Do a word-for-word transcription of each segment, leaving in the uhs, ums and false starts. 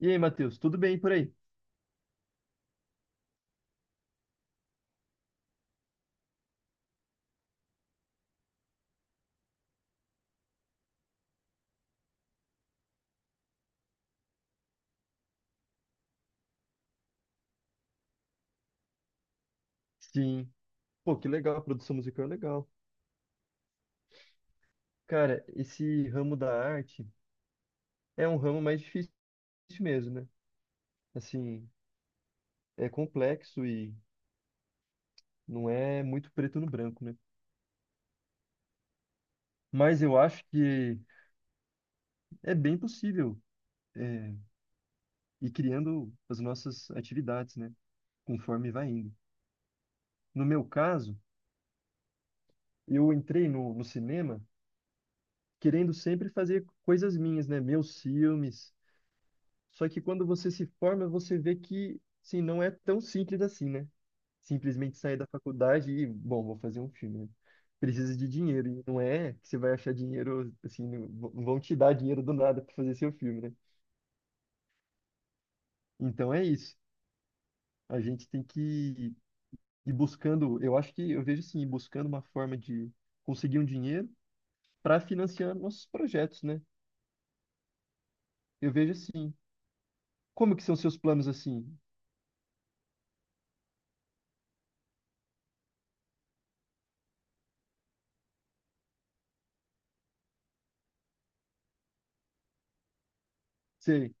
E aí, Matheus, tudo bem por aí? Sim. Pô, que legal, a produção musical é legal. Cara, esse ramo da arte é um ramo mais difícil mesmo, né? Assim, é complexo e não é muito preto no branco, né? Mas eu acho que é bem possível é, ir criando as nossas atividades, né? Conforme vai indo. No meu caso, eu entrei no, no cinema querendo sempre fazer coisas minhas, né? Meus filmes. Só que quando você se forma, você vê que, sim, não é tão simples assim, né? Simplesmente sair da faculdade e, bom, vou fazer um filme, né? Precisa de dinheiro. E não é que você vai achar dinheiro, assim, não- v- vão te dar dinheiro do nada para fazer seu filme, né? Então é isso. A gente tem que ir buscando, eu acho que, eu vejo assim, ir buscando uma forma de conseguir um dinheiro para financiar nossos projetos, né? Eu vejo assim. Como que são seus planos assim? Sei,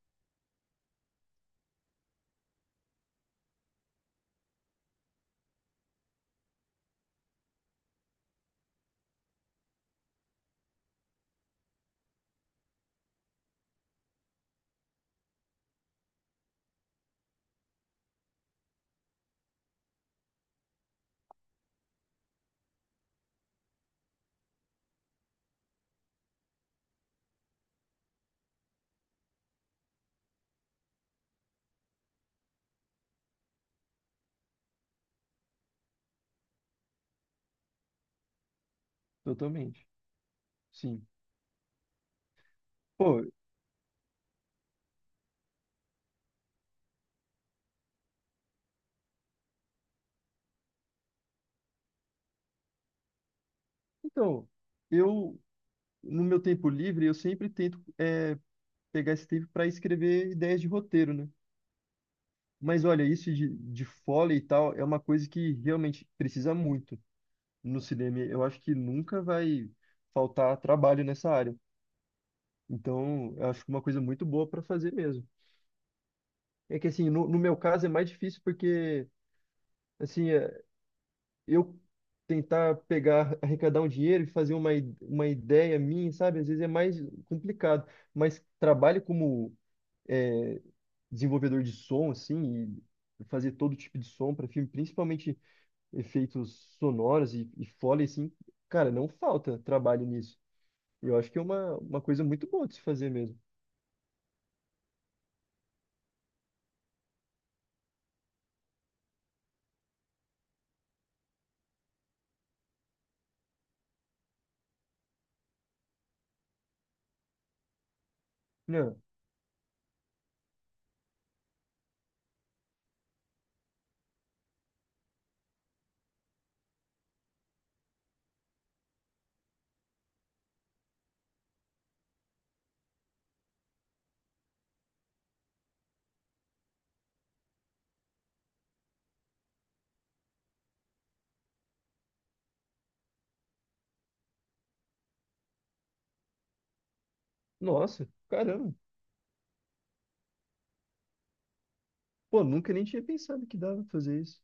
totalmente. Sim. Pô, então. Eu no meu tempo livre, eu sempre tento é, pegar esse tempo para escrever ideias de roteiro, né? Mas olha, isso de, de foley e tal é uma coisa que realmente precisa muito no cinema. Eu acho que nunca vai faltar trabalho nessa área. Então, eu acho que é uma coisa muito boa para fazer mesmo. É que assim, no, no meu caso é mais difícil porque, assim, é, eu tentar pegar, arrecadar um dinheiro e fazer uma, i- uma ideia minha, sabe? Às vezes é mais complicado. Mas trabalho como é, desenvolvedor de som, assim, e fazer todo tipo de som para filme, principalmente efeitos sonoros e, e foley, assim, cara, não falta trabalho nisso. Eu acho que é uma, uma coisa muito boa de se fazer mesmo. Não, nossa, caramba. Pô, nunca nem tinha pensado que dava pra fazer isso.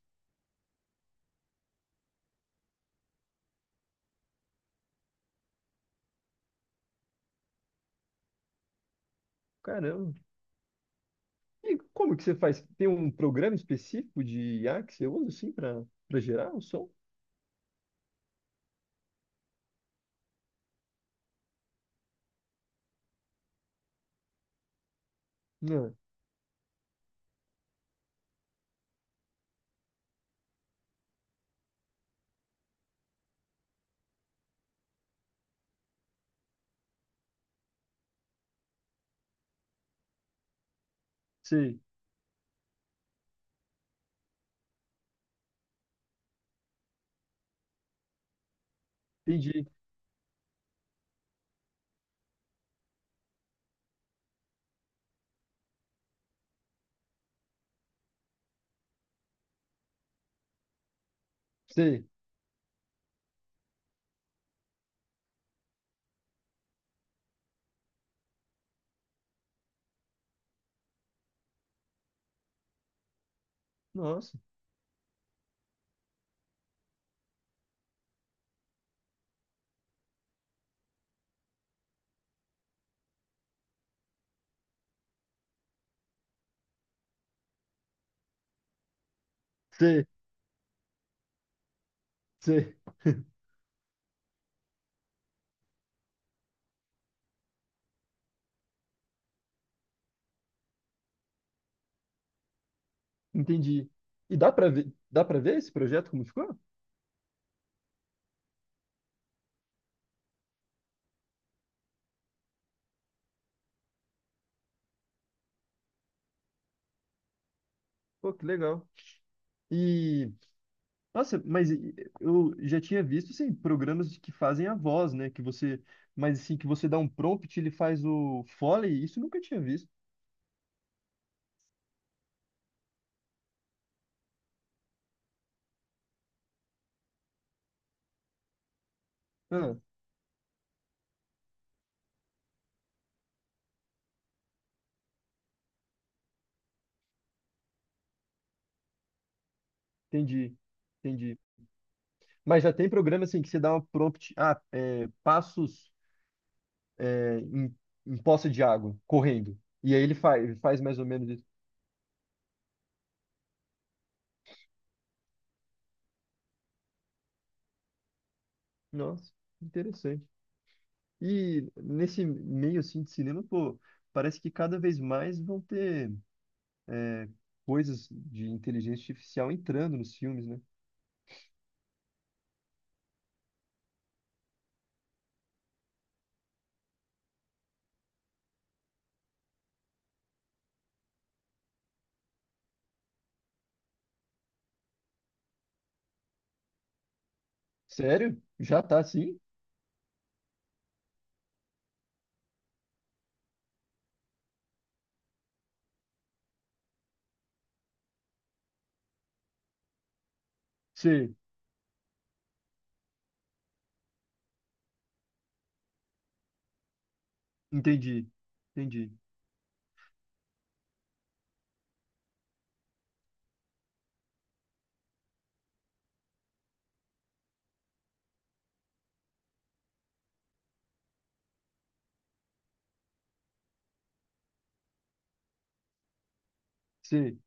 Caramba. E como que você faz? Tem um programa específico de I A que você usa, assim, pra, pra gerar o som? Não, sei. Entendi. Sei. Nossa. Sei. Sei. Entendi. E dá pra ver, dá para ver esse projeto como ficou? Pô, que legal. E nossa, mas e- eu já tinha visto assim, programas que fazem a voz, né, que você, mas assim que você dá um prompt, ele faz o Foley, isso eu nunca tinha visto. Ah, entendi. Entendi. Mas já tem programa assim que você dá um prompt, ah, é, passos é, em, em poça de água, correndo. E aí ele faz, ele faz mais ou menos isso. Nossa, interessante. E nesse meio assim de cinema, pô, parece que cada vez mais vão ter é, coisas de inteligência artificial entrando nos filmes, né? Sério? Já tá assim? Sim, entendi. Entendi. Sim,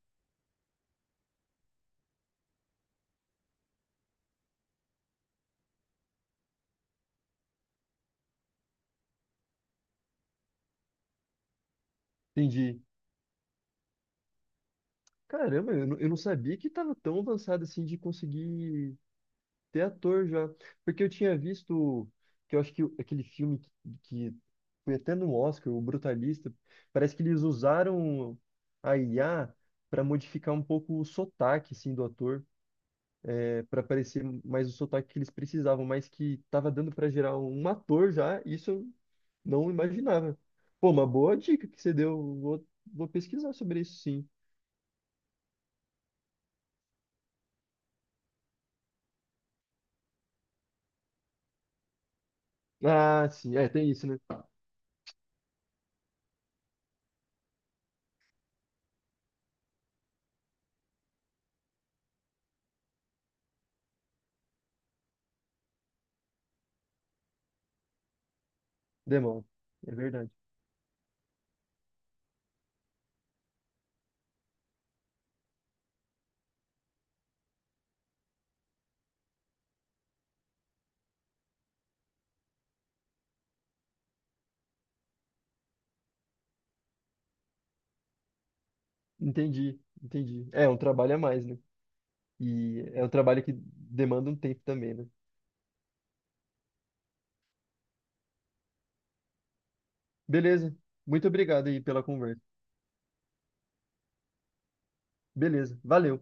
entendi. Caramba, eu não, eu não sabia que tava tão avançado assim de conseguir. Até ator já. Porque eu tinha visto que eu acho que aquele filme que, que foi até no Oscar, o Brutalista, parece que eles usaram a I A para modificar um pouco o sotaque assim, do ator, para parecer mais o sotaque que eles precisavam, mas que tava dando para gerar um ator já, isso eu não imaginava. Pô, uma boa dica que você deu, vou, vou pesquisar sobre isso sim. Ah, sim, é, tem isso, né? Demão, é verdade. Entendi, entendi. É, um trabalho a mais, né? E é um trabalho que demanda um tempo também, né? Beleza. Muito obrigado aí pela conversa. Beleza. Valeu.